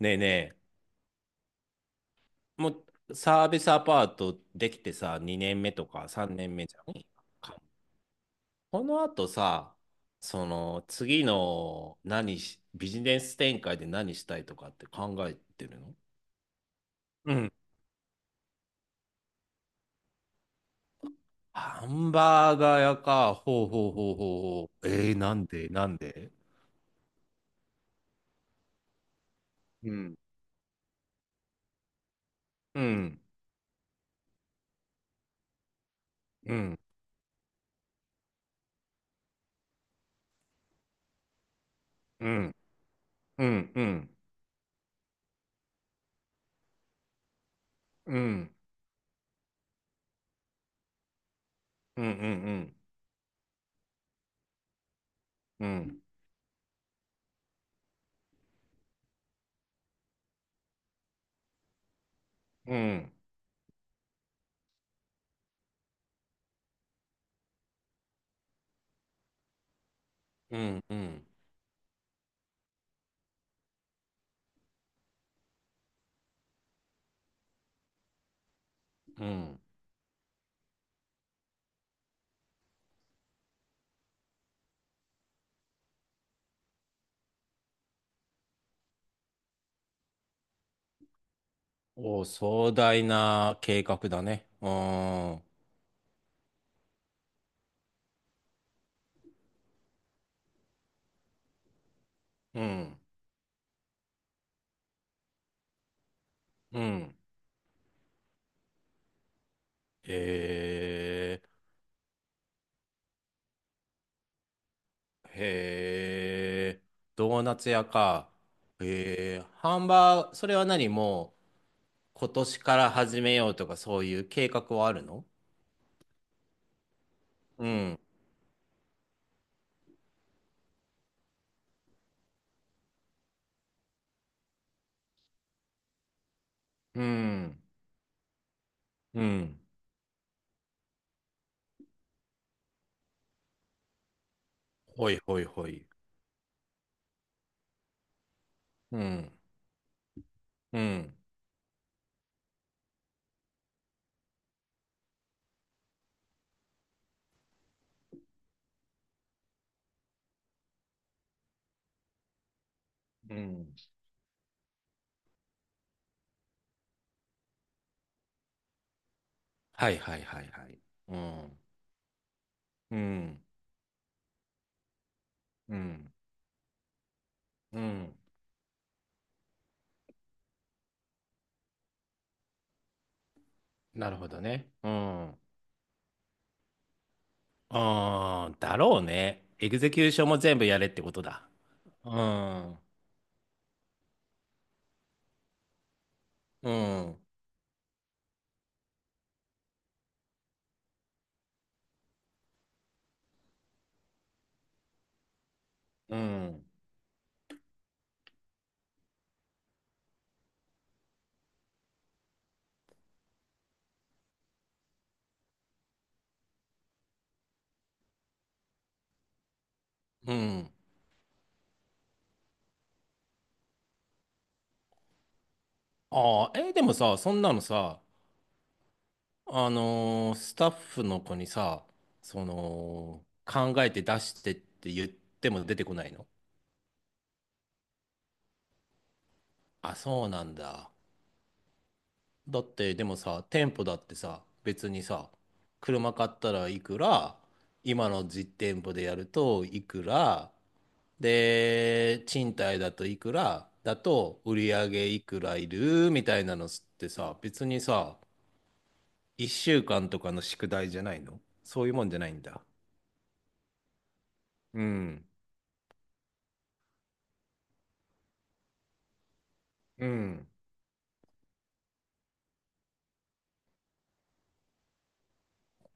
ねえねえ、もうサービスアパートできてさ、2年目とか3年目じゃんか、この後さ、その次のビジネス展開で何したいとかって考えてるん？うん。ハンバーガーやか、方方法 a なんてなんで？うんうんうんうんうんうんうん、で、うんうんうんうんうんうんうんうんうんうんうんうんうんうんうん。お、壮大な計画だね。うーん。うん。うん。へえ。へえ。ドーナツ屋か。へえ。ハンバー、それはもう今年から始めようとかそういう計画はあるの？うん。うん。うん。ほいほいほい。うん。うん。うん。はいはいはいはい。うん。うん。うん。うん。なるほどね。うん。うーん、だろうね。エグゼキューションも全部やれってことだ。うん、うん、うん、うん。ああ、でもさ、そんなのさ、スタッフの子にさ、その、考えて出してって言っても出てこないの？あ、そうなんだ。だってでもさ、店舗だってさ、別にさ、車買ったらいくら、今の実店舗でやるといくら、で、賃貸だといくら、だと売り上げいくらいるみたいなのってさ、別にさ、1週間とかの宿題じゃないの？そういうもんじゃないんだ。うん。うん。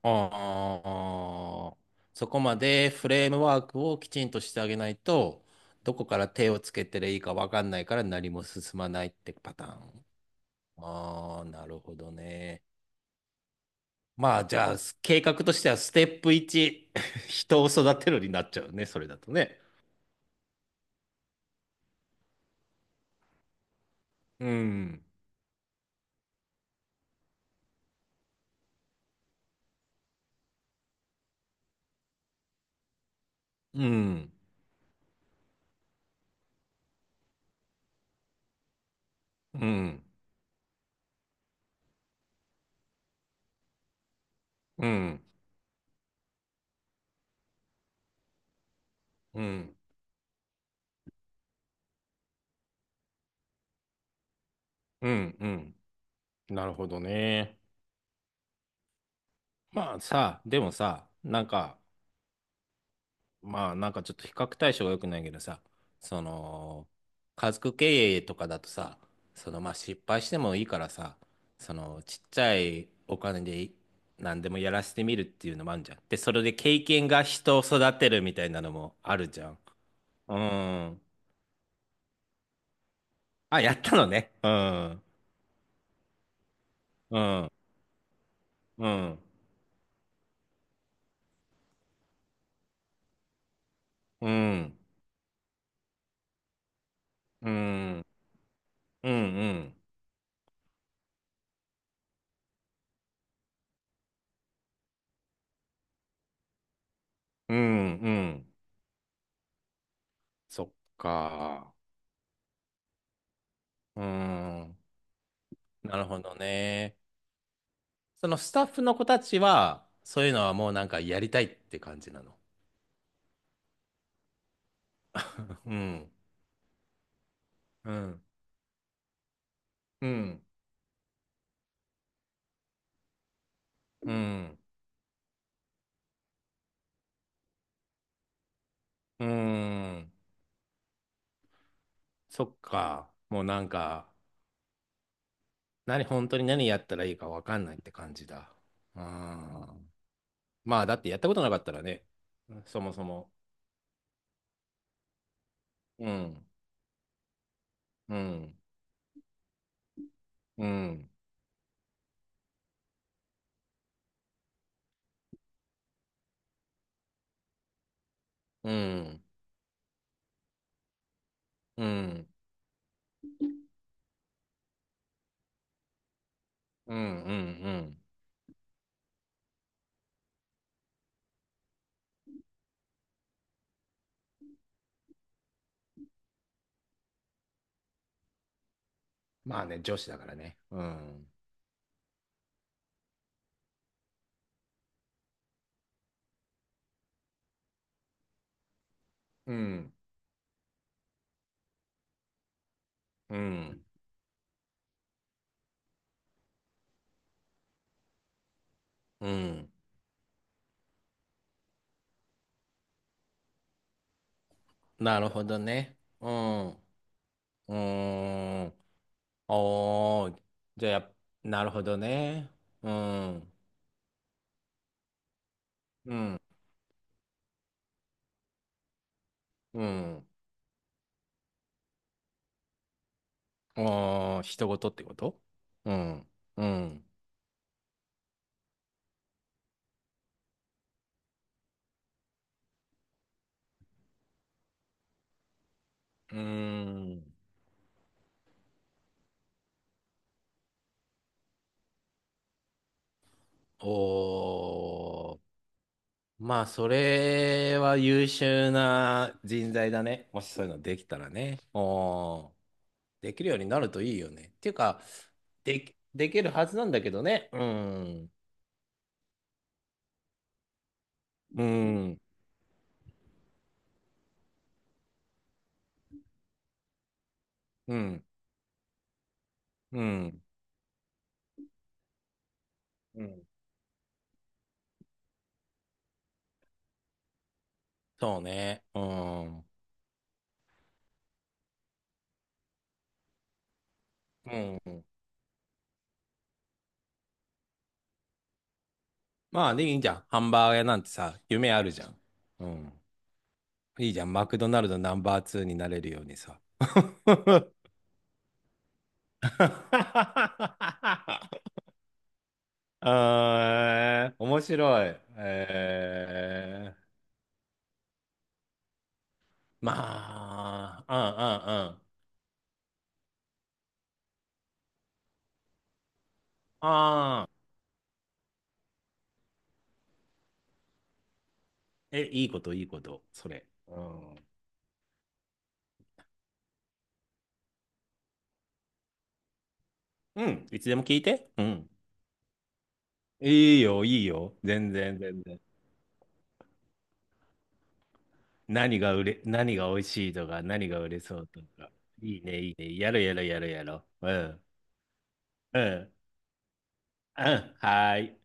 ああ、そこまでフレームワークをきちんとしてあげないと、どこから手をつけてりゃいいかわかんないから何も進まないってパターン。ああ、なるほどね。まあ、じゃあ、計画としてはステップ1、人を育てるになっちゃうね、それだとね。うん、うん、うん、うん、うん、うん、うん。なるほどね。まあさ、でもさ、なんか、まあなんかちょっと比較対象が良くないけどさ、その、家族経営とかだとさ、そのまあ失敗してもいいからさ、そのちっちゃいお金で何でもやらせてみるっていうのもあるじゃん。で、それで経験が人を育てるみたいなのもあるじゃん。うん。あ、やったのね。うん。うん。うん。うん。うん。うん。うん。うん。そっか。うん。なるほどね。そのスタッフの子たちは、そういうのはもうなんかやりたいって感じなの？うん。うん。うん。うん。うん。そっか。もうなんか、何、本当に何やったらいいかわかんないって感じだ。うん。まあ、だってやったことなかったらね、そもそも。うん。うん。うん。うん。うん。うん。うん。うん。まあね、女子だからね。うん。うん。うん。うん。なるほどね。うん。うーん。おー。じゃあ、なるほどね。うん。うん。うん。おー、人事ってこと？うん。うん。うーん。おー。まあ、それは優秀な人材だね。もしそういうのできたらね。おー。できるようになるといいよね。っていうか、できるはずなんだけどね。うん。うん。うん。うん。うん。そうね。うん。うんうん。まあ、でいいじゃん。ハンバーガー屋なんてさ、夢あるじゃん。うん。いいじゃん。マクドナルドナンバー2になれるようにさ。あー、面白い。まあ、うんうんうん。ああ、え、いいこと、いいこと、それ。うん。うん、いつでも聞いて。うん。いいよ、いいよ。全然、全然。何が美味しいとか、何が売れそうとか。いいね、いいね。やろうやろうやろうやろう。うん。うん。うん。はーい。